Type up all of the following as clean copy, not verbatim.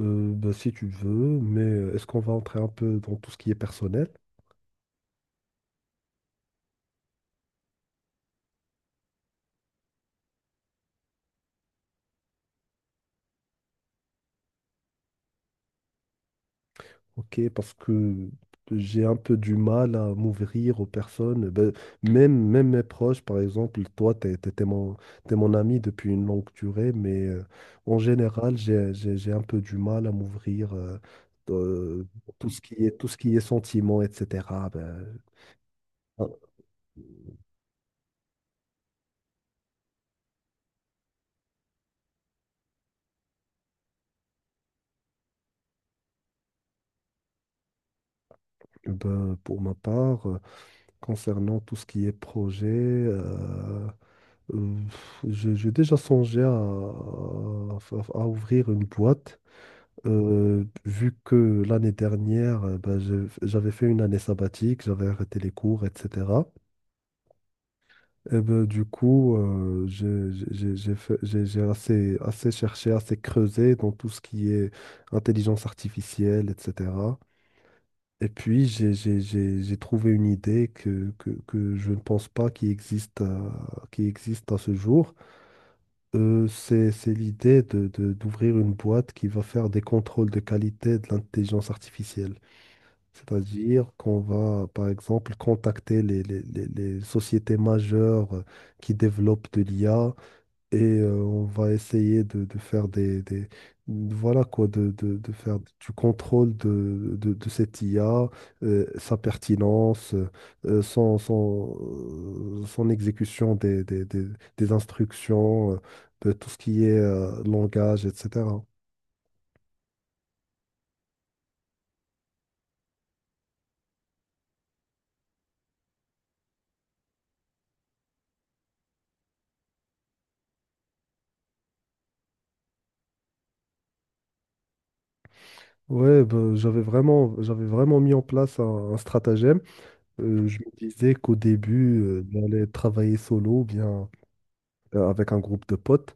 Si tu veux, mais est-ce qu'on va entrer un peu dans tout ce qui est personnel? Ok, parce que j'ai un peu du mal à m'ouvrir aux personnes. Même mes proches, par exemple, toi, t'es mon ami depuis une longue durée, mais en général, j'ai un peu du mal à m'ouvrir euh, tout ce qui est, tout ce qui est sentiments, etc. Ben, ah, pour ma part, concernant tout ce qui est projet. Euh, j'ai déjà songé à ouvrir une boîte, vu que l'année dernière, j'avais fait une année sabbatique, j'avais arrêté les cours, etc. Et ben, du coup, j'ai assez, assez cherché, assez creusé dans tout ce qui est intelligence artificielle, etc. Et puis, j'ai trouvé une idée que je ne pense pas qui existe, qui existe à ce jour. C'est l'idée d'ouvrir une boîte qui va faire des contrôles de qualité de l'intelligence artificielle. C'est-à-dire qu'on va, par exemple, contacter les sociétés majeures qui développent de l'IA et on va essayer de faire voilà quoi de faire du contrôle de cette IA, sa pertinence, euh, son, son, son exécution des instructions, de tout ce qui est langage, etc. Ouais, ben, j'avais vraiment mis en place un stratagème. Je me disais qu'au début, j'allais travailler solo ou bien avec un groupe de potes,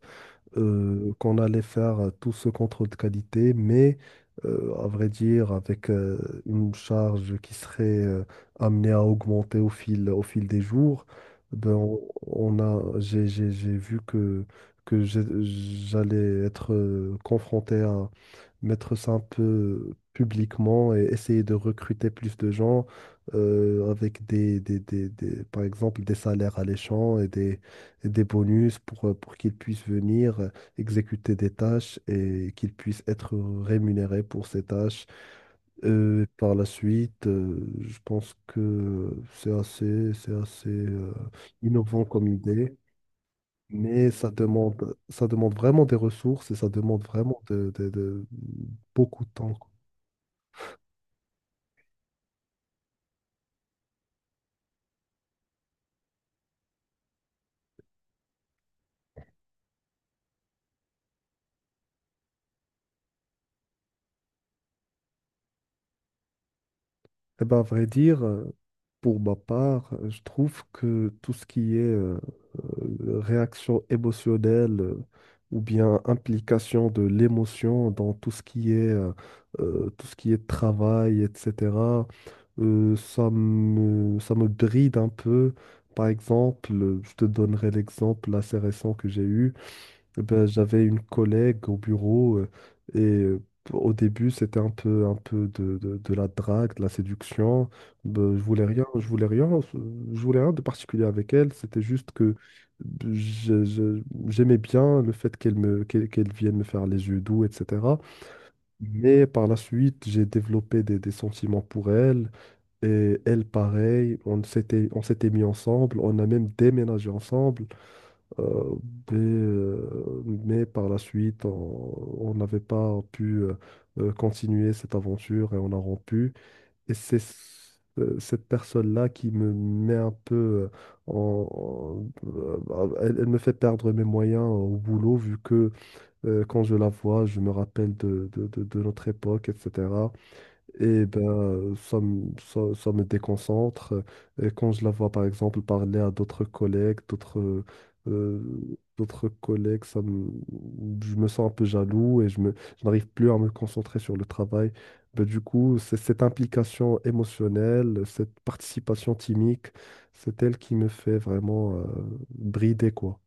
qu'on allait faire tout ce contrôle de qualité, mais à vrai dire, avec une charge qui serait amenée à augmenter au fil des jours. Ben, on a, j'ai- J'ai vu que j'allais être confronté à mettre ça un peu publiquement et essayer de recruter plus de gens avec par exemple, des salaires alléchants et des bonus pour qu'ils puissent venir exécuter des tâches et qu'ils puissent être rémunérés pour ces tâches. Par la suite, je pense que c'est assez innovant comme idée. Mais ça demande vraiment des ressources et ça demande vraiment beaucoup de temps. Eh ben, à vrai dire, pour ma part, je trouve que tout ce qui est réaction émotionnelle ou bien implication de l'émotion dans tout ce qui est, tout ce qui est travail, etc., ça me bride un peu. Par exemple, je te donnerai l'exemple assez récent que j'ai eu. Eh ben, j'avais une collègue au bureau et au début c'était un peu de la drague, de la séduction. Ben, je voulais rien de particulier avec elle. C'était juste que je- je- j'aimais bien le fait qu'elle vienne me faire les yeux doux, etc. Mais par la suite j'ai développé des sentiments pour elle et elle pareil. On s'était mis ensemble, on a même déménagé ensemble. Euh, mais par la suite, on n'avait pas pu continuer cette aventure et on a rompu. Et cette personne-là qui me met un peu elle me fait perdre mes moyens au boulot vu que quand je la vois, je me rappelle de notre époque, etc. Et ben, ça me déconcentre. Et quand je la vois, par exemple, parler à d'autres collègues, d'autres collègues, je me sens un peu jaloux et je n'arrive plus à me concentrer sur le travail. Ben, du coup, c'est cette implication émotionnelle, cette participation timique, c'est elle qui me fait vraiment brider, quoi.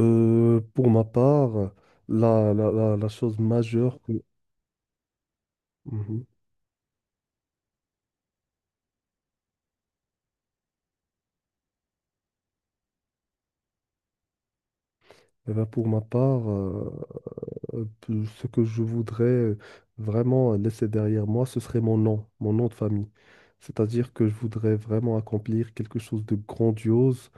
Pour ma part, la chose majeure que... Mhm. Eh ben, pour ma part, ce que je voudrais vraiment laisser derrière moi, ce serait mon nom de famille. C'est-à-dire que je voudrais vraiment accomplir quelque chose de grandiose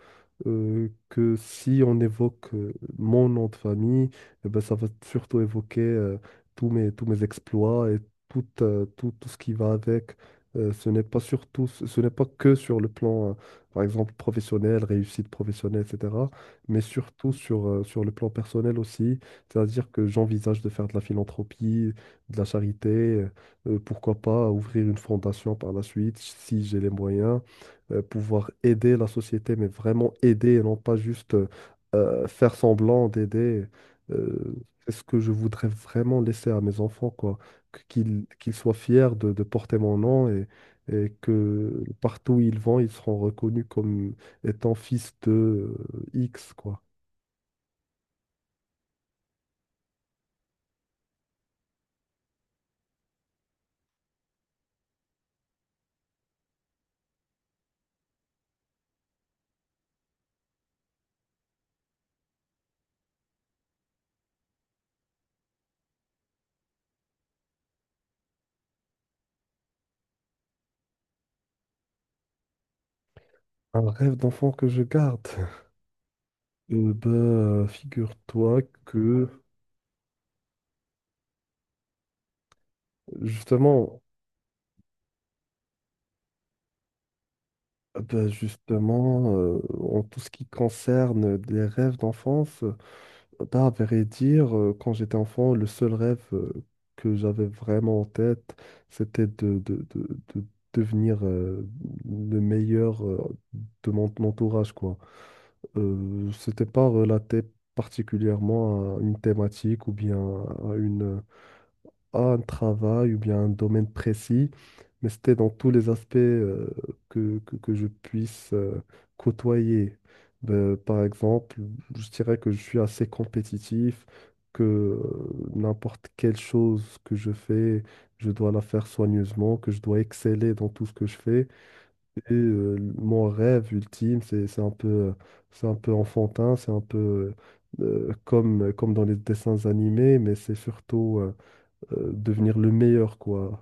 que si on évoque mon nom de famille, eh ben, ça va surtout évoquer tous mes exploits et tout ce qui va avec. Ce n'est pas que sur le plan, par exemple, professionnel, réussite professionnelle, etc., mais surtout sur, sur le plan personnel aussi. C'est-à-dire que j'envisage de faire de la philanthropie, de la charité, pourquoi pas ouvrir une fondation par la suite si j'ai les moyens pouvoir aider la société, mais vraiment aider et non pas juste faire semblant d'aider. Euh, c'est ce que je voudrais vraiment laisser à mes enfants, quoi. Qu'ils soient fiers de porter mon nom et que partout où ils vont, ils seront reconnus comme étant fils de X, quoi. Un rêve d'enfant que je garde. Figure-toi que justement, bah, justement, en tout ce qui concerne les rêves d'enfance, bah, à vrai dire, quand j'étais enfant, le seul rêve que j'avais vraiment en tête, c'était de devenir le meilleur de mon entourage, quoi. C'était pas relaté particulièrement à une thématique ou bien à une, à un travail ou bien un domaine précis, mais c'était dans tous les aspects que je puisse côtoyer. Ben, par exemple, je dirais que je suis assez compétitif, que n'importe quelle chose que je fais, je dois la faire soigneusement, que je dois exceller dans tout ce que je fais. Et mon rêve ultime, c'est un peu enfantin, c'est un peu comme dans les dessins animés, mais c'est surtout... devenir le meilleur, quoi.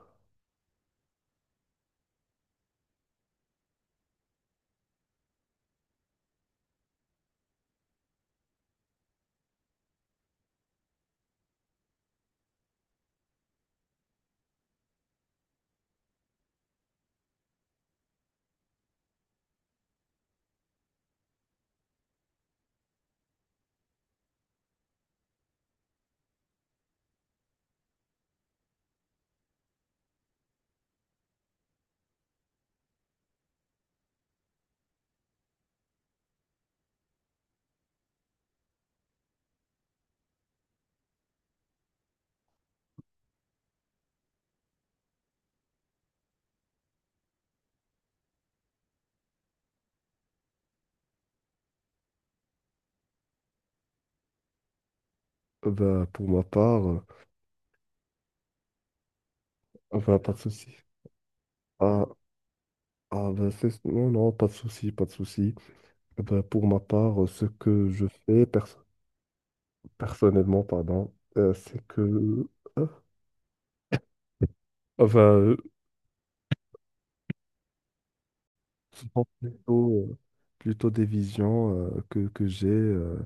Pour ma part, ah ben, pas de souci. Ah, non, non, pas de souci, pas de souci. Bah pour ma part, ce que je fais personnellement, pardon, c'est que... hein, enfin plutôt, plutôt des visions que j'ai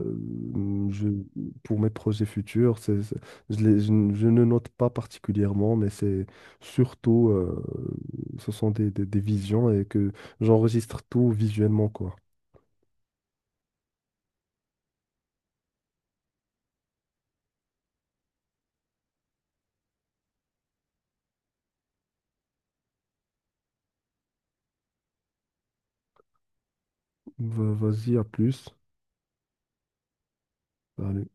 euh, je, pour mes projets futurs. Je je ne note pas particulièrement, mais c'est surtout, ce sont des visions et que j'enregistre tout visuellement, quoi. Vas-y, à plus. Salut.